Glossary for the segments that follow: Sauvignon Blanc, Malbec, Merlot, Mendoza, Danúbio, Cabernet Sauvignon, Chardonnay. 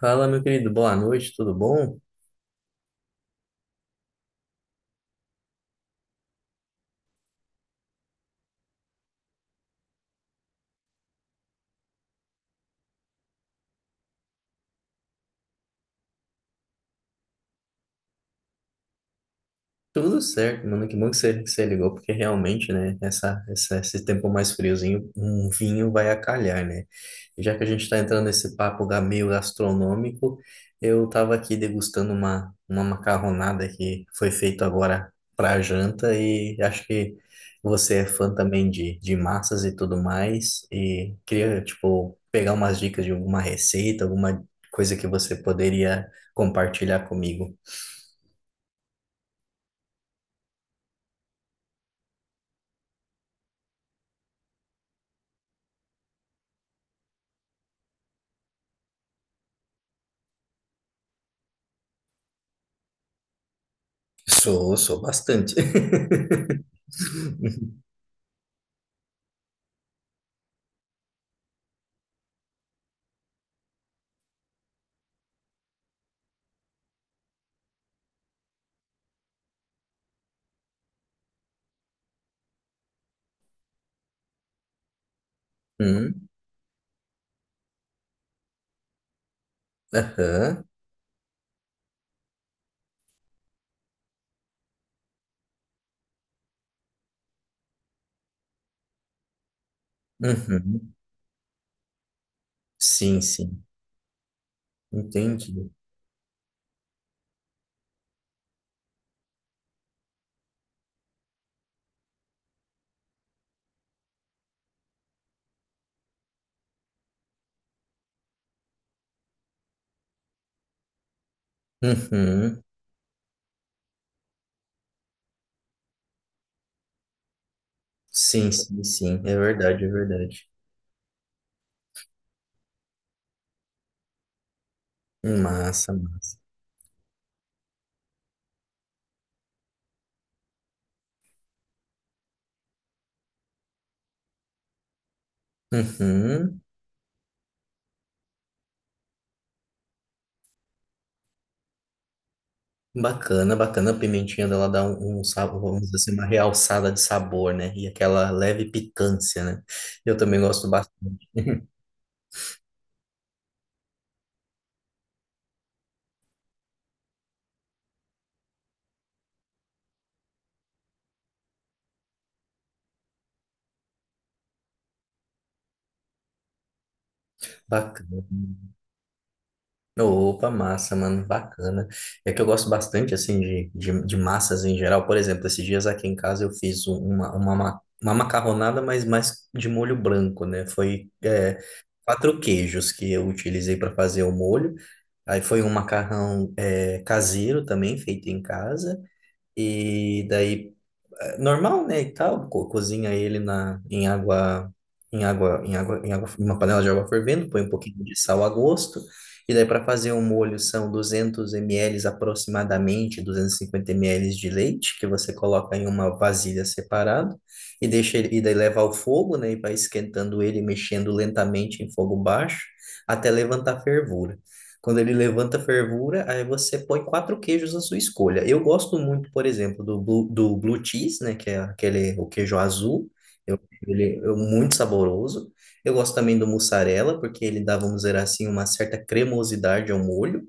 Fala, meu querido, boa noite, tudo bom? Tudo certo, mano, que bom que você ligou, porque realmente, né, esse tempo mais friozinho, um vinho vai acalhar, né? E já que a gente tá entrando nesse papo meio gastronômico, eu tava aqui degustando uma macarronada que foi feita agora pra janta e acho que você é fã também de massas e tudo mais, e queria, tipo, pegar umas dicas de alguma receita, alguma coisa que você poderia compartilhar comigo. Sou bastante. Uhum, aham, uhum. Sim, sim. Entendi. Uhum. Sim, sim, sim. É verdade, é verdade. Massa, massa. Uhum. Bacana, bacana. A pimentinha dela dá um sabor, vamos dizer assim, uma realçada de sabor, né? E aquela leve picância, né? Eu também gosto bastante. Bacana. Opa, massa, mano, bacana. É que eu gosto bastante, assim, de massas em geral. Por exemplo, esses dias aqui em casa eu fiz uma macarronada, mas mais de molho branco, né? Foi, quatro queijos que eu utilizei para fazer o molho. Aí foi um macarrão, caseiro também, feito em casa. E daí normal, né, e tal, cozinha ele em água, em uma panela de água fervendo, põe um pouquinho de sal a gosto, e daí para fazer um molho são 200 ml aproximadamente, 250 ml de leite, que você coloca em uma vasilha separada, e deixa ele, e daí leva ao fogo, né, e vai esquentando ele, mexendo lentamente em fogo baixo, até levantar fervura. Quando ele levanta a fervura, aí você põe quatro queijos à sua escolha. Eu gosto muito, por exemplo, do blue cheese, né? Que é aquele, o queijo azul. Eu, Ele é muito saboroso. Eu gosto também do mussarela, porque ele dá, vamos dizer assim, uma certa cremosidade ao molho.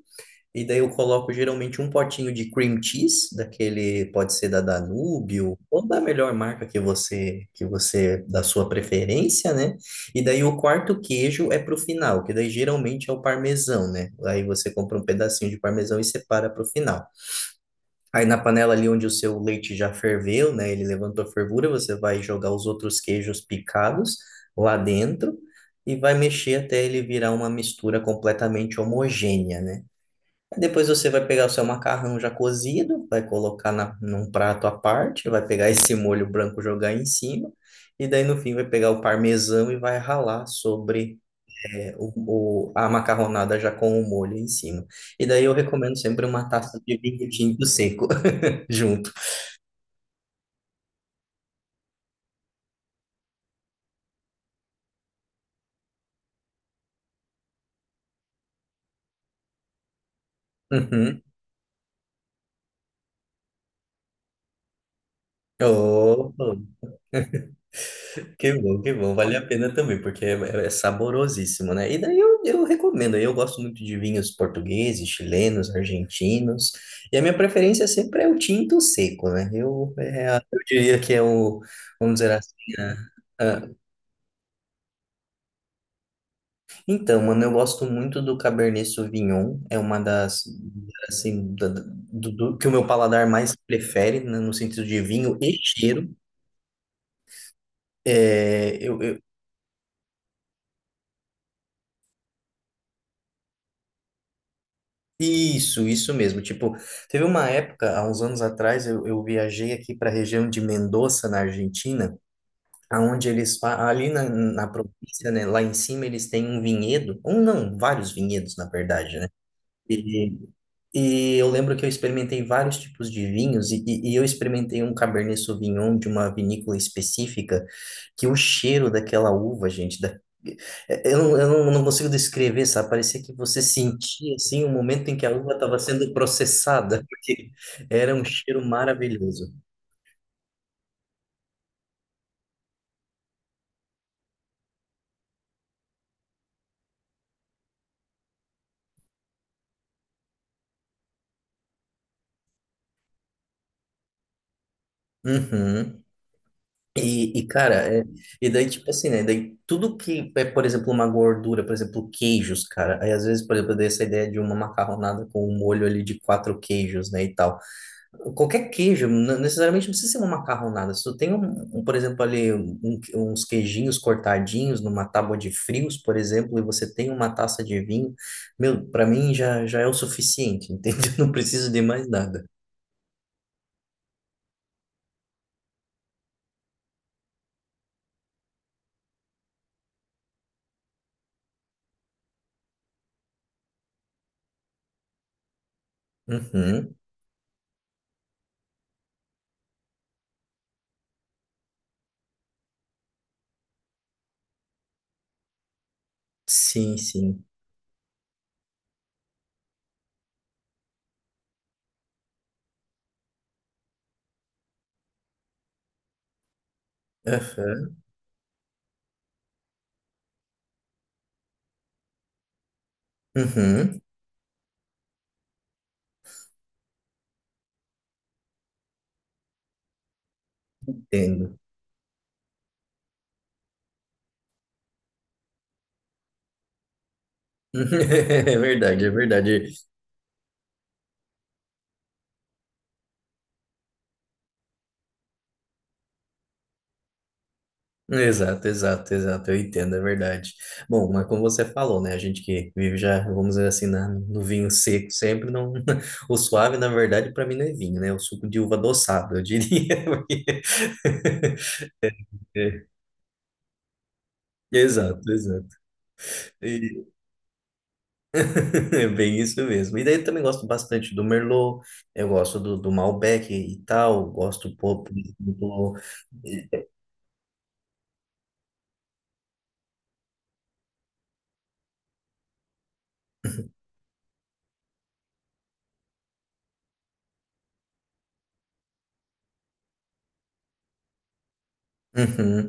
E daí eu coloco geralmente um potinho de cream cheese, daquele pode ser da Danúbio, ou da melhor marca que você da sua preferência, né? E daí o quarto queijo é pro final, que daí geralmente é o parmesão, né? Aí você compra um pedacinho de parmesão e separa pro final. Aí na panela ali onde o seu leite já ferveu, né? Ele levantou a fervura, você vai jogar os outros queijos picados lá dentro e vai mexer até ele virar uma mistura completamente homogênea, né? Aí depois você vai pegar o seu macarrão já cozido, vai colocar num prato à parte, vai pegar esse molho branco jogar em cima, e daí no fim vai pegar o parmesão e vai ralar sobre a macarronada já com o molho em cima. E daí eu recomendo sempre uma taça de vinho tinto seco junto. Uhum. Oh. Que bom, que bom. Vale a pena também, porque é saborosíssimo, né? E daí eu recomendo. Eu gosto muito de vinhos portugueses, chilenos, argentinos. E a minha preferência sempre é o tinto seco, né? Eu diria que é o, vamos dizer assim, a- a- Então, mano, eu gosto muito do Cabernet Sauvignon. É uma das, assim, que o meu paladar mais prefere, né, no sentido de vinho e cheiro. É eu Isso, isso mesmo. Tipo, teve uma época, há uns anos atrás, eu viajei aqui para a região de Mendoza, na Argentina, aonde eles, ali na província, né, lá em cima, eles têm um vinhedo, um não, vários vinhedos, na verdade, né? E, e eu lembro que eu experimentei vários tipos de vinhos, e eu experimentei um Cabernet Sauvignon de uma vinícola específica, que o cheiro daquela uva, gente, não, eu não consigo descrever, sabe? Parecia que você sentia, assim, o momento em que a uva estava sendo processada, porque era um cheiro maravilhoso. Uhum. Cara, e daí, tipo assim, né? Daí tudo que é, por exemplo, uma gordura, por exemplo, queijos, cara. Aí às vezes, por exemplo, eu dei essa ideia de uma macarronada com um molho ali de quatro queijos, né? E tal. Qualquer queijo, não necessariamente não precisa ser uma macarronada. Se tu tem por exemplo, ali uns queijinhos cortadinhos numa tábua de frios, por exemplo, e você tem uma taça de vinho, meu, pra mim já, já é o suficiente, entende? Eu não preciso de mais nada. Uhum. Sim, sim. Aham. Uhum. Entendo. É verdade, é verdade. Exato, exato, exato. Eu entendo, é verdade. Bom, mas como você falou, né? A gente que vive já, vamos dizer assim, no vinho seco sempre, não. O suave, na verdade, para mim não é vinho, né? É o suco de uva adoçado, eu diria. porque- É, exato, exato. E- é bem isso mesmo. E daí eu também gosto bastante do Merlot, eu gosto do Malbec e tal, gosto um pouco do, uhum.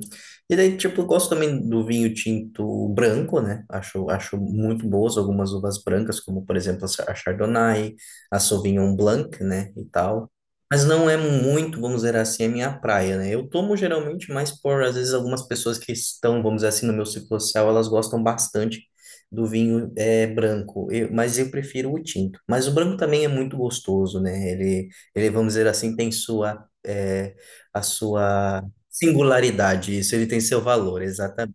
E daí, tipo, eu gosto também do vinho tinto branco, né? Acho muito boas algumas uvas brancas, como, por exemplo, a Chardonnay, a Sauvignon Blanc, né? E tal. Mas não é muito, vamos dizer assim, a minha praia, né? Eu tomo geralmente mais por, às vezes, algumas pessoas que estão, vamos dizer assim, no meu ciclo social, elas gostam bastante do vinho branco. Mas eu prefiro o tinto. Mas o branco também é muito gostoso, né? Ele, vamos dizer assim, tem a sua singularidade, isso, ele tem seu valor, exatamente.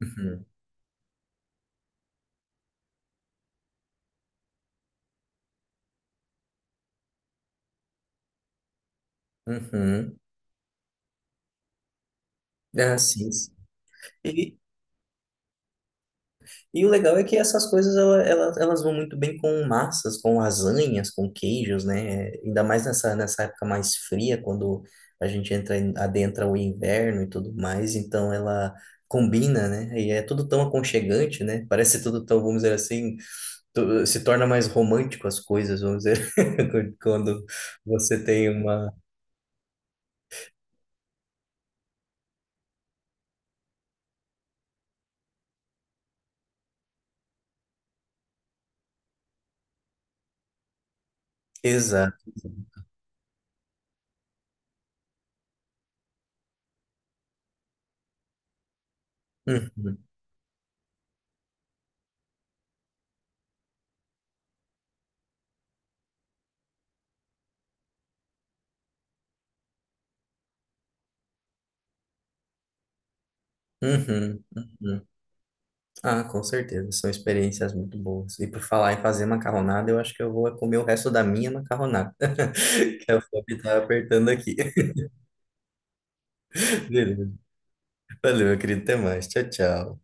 Uhum. Uhum. Ah, sim. Sim. E, e o legal é que essas coisas ela- elas vão muito bem com massas, com lasanhas, com queijos, né? Ainda mais nessa época mais fria, quando a gente entra adentra o inverno e tudo mais, então ela combina, né? E é tudo tão aconchegante, né? Parece tudo tão, vamos dizer assim, se torna mais romântico as coisas, vamos dizer, quando você tem uma. Exato. Uhum, uhum, uhum. Ah, com certeza, são experiências muito boas. E por falar em fazer macarronada, eu acho que eu vou comer o resto da minha macarronada, que a fome tá apertando aqui. Beleza. Valeu, meu querido, até mais. Tchau, tchau.